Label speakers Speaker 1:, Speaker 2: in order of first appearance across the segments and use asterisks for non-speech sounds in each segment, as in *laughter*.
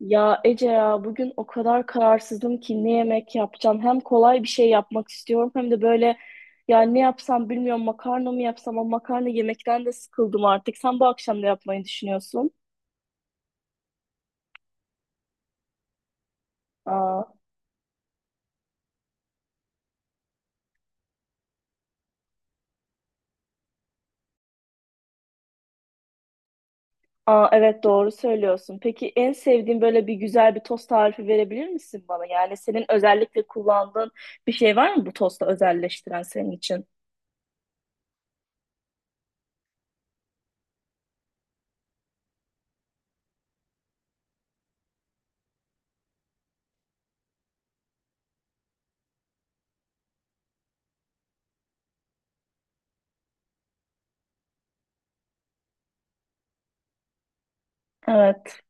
Speaker 1: Ya Ece ya bugün o kadar kararsızım ki ne yemek yapacağım. Hem kolay bir şey yapmak istiyorum hem de böyle ya ne yapsam bilmiyorum makarna mı yapsam ama makarna yemekten de sıkıldım artık. Sen bu akşam da yapmayı düşünüyorsun. Aa, aa, evet doğru söylüyorsun. Peki en sevdiğin böyle bir güzel bir tost tarifi verebilir misin bana? Yani senin özellikle kullandığın bir şey var mı bu tosta özelleştiren senin için? Evet.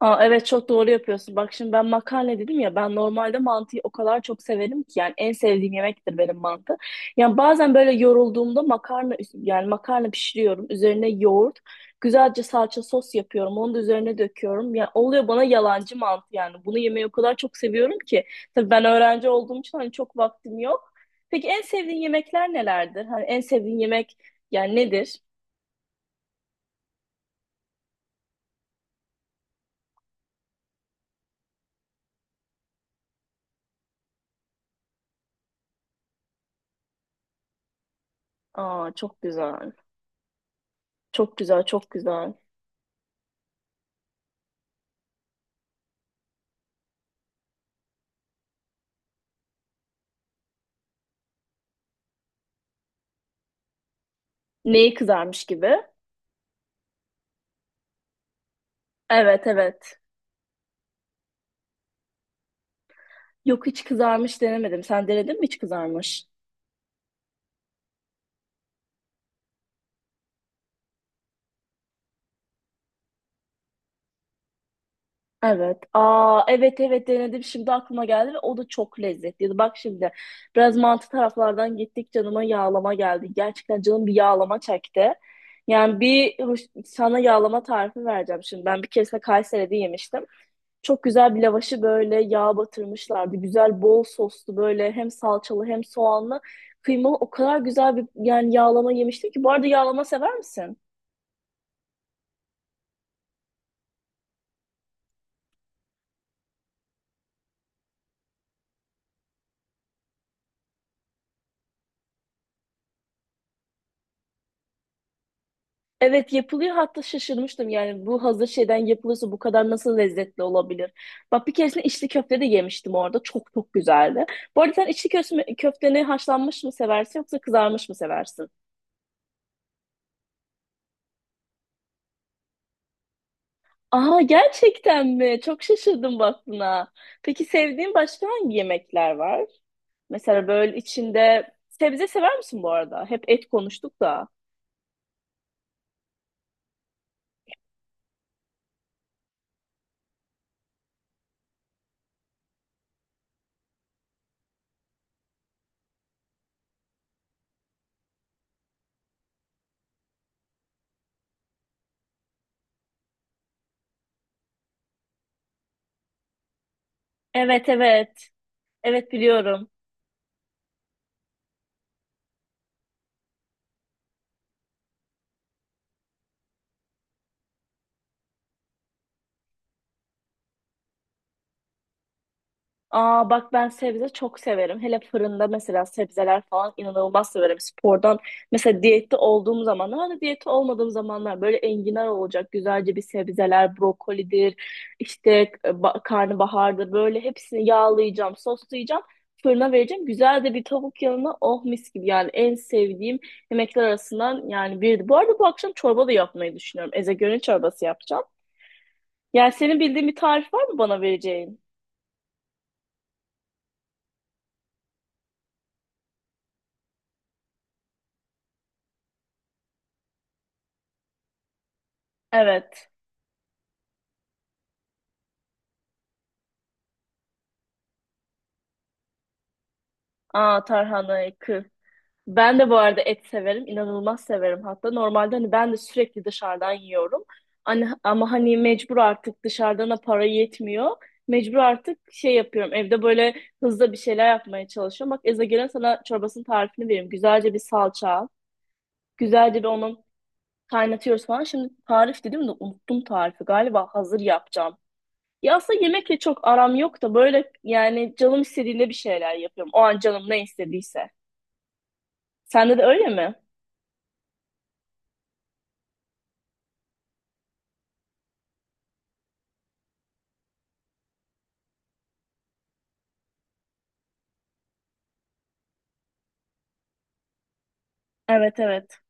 Speaker 1: Aa, evet çok doğru yapıyorsun. Bak şimdi ben makarna dedim ya ben normalde mantıyı o kadar çok severim ki yani en sevdiğim yemektir benim mantı. Yani bazen böyle yorulduğumda makarna yani makarna pişiriyorum. Üzerine yoğurt, güzelce salça sos yapıyorum. Onu da üzerine döküyorum. Yani oluyor bana yalancı mantı yani. Bunu yemeyi o kadar çok seviyorum ki. Tabii ben öğrenci olduğum için hani çok vaktim yok. Peki en sevdiğin yemekler nelerdir? Hani en sevdiğin yemek yani nedir? Aa çok güzel. Çok güzel, çok güzel. Neyi kızarmış gibi? Evet evet. Yok hiç kızarmış denemedim. Sen denedin mi hiç kızarmış? Evet. Aa evet evet denedim. Şimdi aklıma geldi ve o da çok lezzetliydi. Bak şimdi biraz mantı taraflardan gittik canıma yağlama geldi. Gerçekten canım bir yağlama çekti. Yani sana yağlama tarifi vereceğim şimdi. Ben bir keresinde Kayseri'de yemiştim. Çok güzel bir lavaşı böyle yağ batırmışlardı. Güzel bol soslu böyle hem salçalı hem soğanlı kıymalı. O kadar güzel bir yani yağlama yemiştim ki. Bu arada yağlama sever misin? Evet yapılıyor hatta şaşırmıştım yani bu hazır şeyden yapılıyorsa bu kadar nasıl lezzetli olabilir? Bak bir keresinde içli köfte de yemiştim orada çok çok güzeldi. Bu arada sen içli köfte, köfteni haşlanmış mı seversin yoksa kızarmış mı seversin? Aa gerçekten mi? Çok şaşırdım bak buna. Peki sevdiğin başka hangi yemekler var? Mesela böyle içinde sebze sever misin bu arada? Hep et konuştuk da. Evet evet evet biliyorum. Aa bak ben sebze çok severim. Hele fırında mesela sebzeler falan inanılmaz severim. Spordan mesela diyette olduğum zamanlar da diyette olmadığım zamanlar böyle enginar olacak. Güzelce bir sebzeler, brokolidir, işte karnabahardır. Böyle hepsini yağlayacağım, soslayacağım. Fırına vereceğim. Güzel de bir tavuk yanına oh mis gibi yani en sevdiğim yemekler arasından yani birdi. Bu arada bu akşam çorba da yapmayı düşünüyorum. Ezogelin çorbası yapacağım. Yani senin bildiğin bir tarif var mı bana vereceğin? Evet. Aa tarhana yakı. Ben de bu arada et severim. İnanılmaz severim hatta. Normalde hani ben de sürekli dışarıdan yiyorum. Hani, ama hani mecbur artık dışarıdan para yetmiyor. Mecbur artık şey yapıyorum. Evde böyle hızlı bir şeyler yapmaya çalışıyorum. Bak Eza gelen sana çorbasının tarifini vereyim. Güzelce bir salça al. Güzelce bir onun kaynatıyoruz falan. Şimdi tarif dedim de unuttum tarifi. Galiba hazır yapacağım. Ya aslında yemekle çok aram yok da böyle yani canım istediğinde bir şeyler yapıyorum. O an canım ne istediyse. Sende de öyle mi? Evet evet.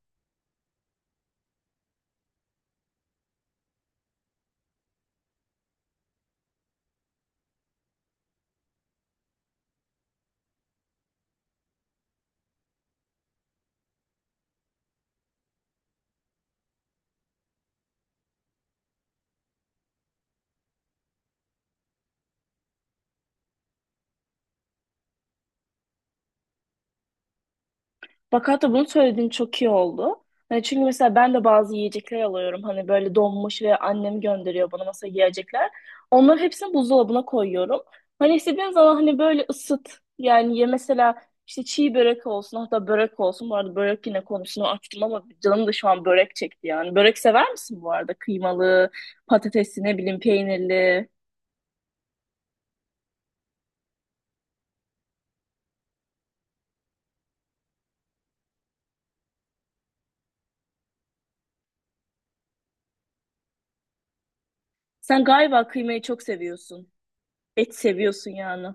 Speaker 1: Bak hatta bunu söylediğin çok iyi oldu. Hani çünkü mesela ben de bazı yiyecekler alıyorum. Hani böyle donmuş ve annem gönderiyor bana mesela yiyecekler. Onların hepsini buzdolabına koyuyorum. Hani istediğin zaman hani böyle ısıt. Yani ye mesela işte çiğ börek olsun hatta börek olsun. Bu arada börek yine konusunu açtım ama canım da şu an börek çekti yani. Börek sever misin bu arada? Kıymalı, patatesli ne bileyim peynirli. Sen galiba kıymayı çok seviyorsun. Et seviyorsun yani.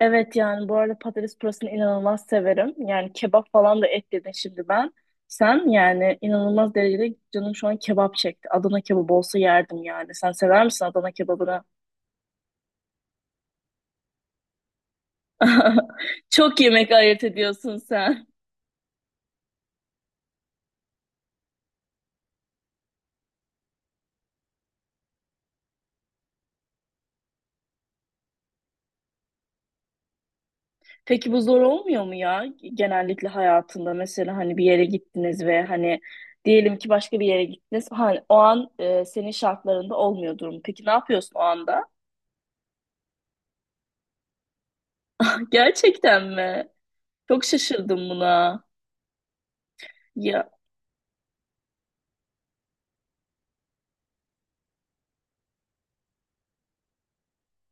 Speaker 1: Evet yani bu arada patates pürasını inanılmaz severim. Yani kebap falan da et dedin şimdi ben. Sen yani inanılmaz derecede canım şu an kebap çekti. Adana kebabı olsa yerdim yani. Sen sever misin Adana kebabını? *laughs* Çok yemek ayırt ediyorsun sen. Peki bu zor olmuyor mu ya? Genellikle hayatında mesela hani bir yere gittiniz ve hani diyelim ki başka bir yere gittiniz. Hani o an senin şartlarında olmuyor durum. Peki ne yapıyorsun o anda? *laughs* Gerçekten mi? Çok şaşırdım buna. Ya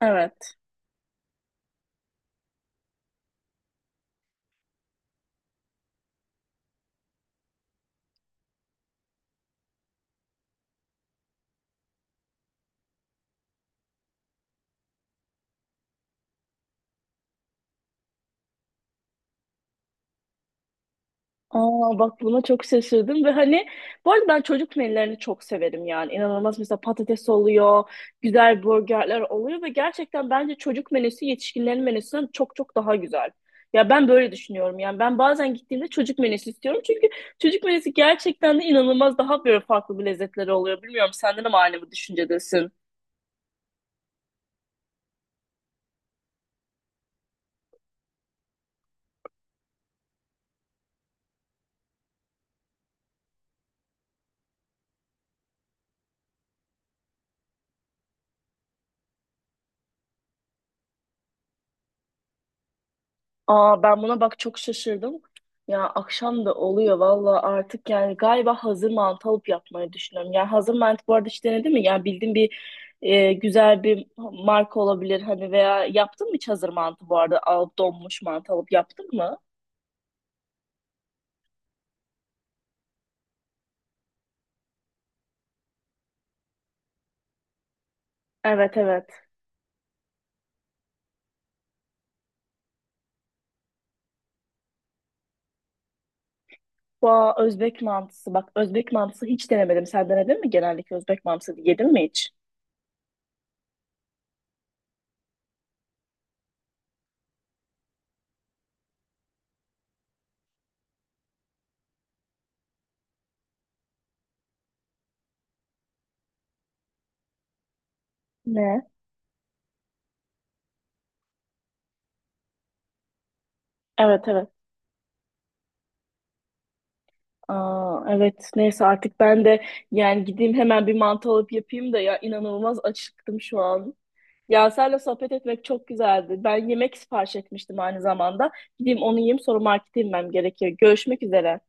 Speaker 1: evet. Aa bak buna çok şaşırdım ve hani bu arada ben çocuk menülerini çok severim yani inanılmaz mesela patates oluyor, güzel burgerler oluyor ve gerçekten bence çocuk menüsü yetişkinlerin menüsünden çok çok daha güzel. Ya ben böyle düşünüyorum yani ben bazen gittiğimde çocuk menüsü istiyorum çünkü çocuk menüsü gerçekten de inanılmaz daha böyle farklı bir lezzetleri oluyor. Bilmiyorum senden de mi aynı bu düşüncedesin? Aa ben buna bak çok şaşırdım. Ya akşam da oluyor valla artık yani galiba hazır mantı alıp yapmayı düşünüyorum. Yani hazır mantı bu arada hiç denedin mi? Yani bildiğin bir güzel bir marka olabilir hani veya yaptın mı hiç hazır mantı bu arada alıp donmuş mantı alıp yaptın mı? Evet evet. Bu Özbek mantısı bak Özbek mantısı hiç denemedim. Sen denedin mi genellikle Özbek mantısı yedin mi hiç? Ne? Evet evet. Aa, evet neyse artık ben de yani gideyim hemen bir mantı alıp yapayım da ya inanılmaz açıktım şu an. Ya seninle sohbet etmek çok güzeldi. Ben yemek sipariş etmiştim aynı zamanda. Gideyim onu yiyeyim sonra markete inmem gerekiyor. Görüşmek üzere.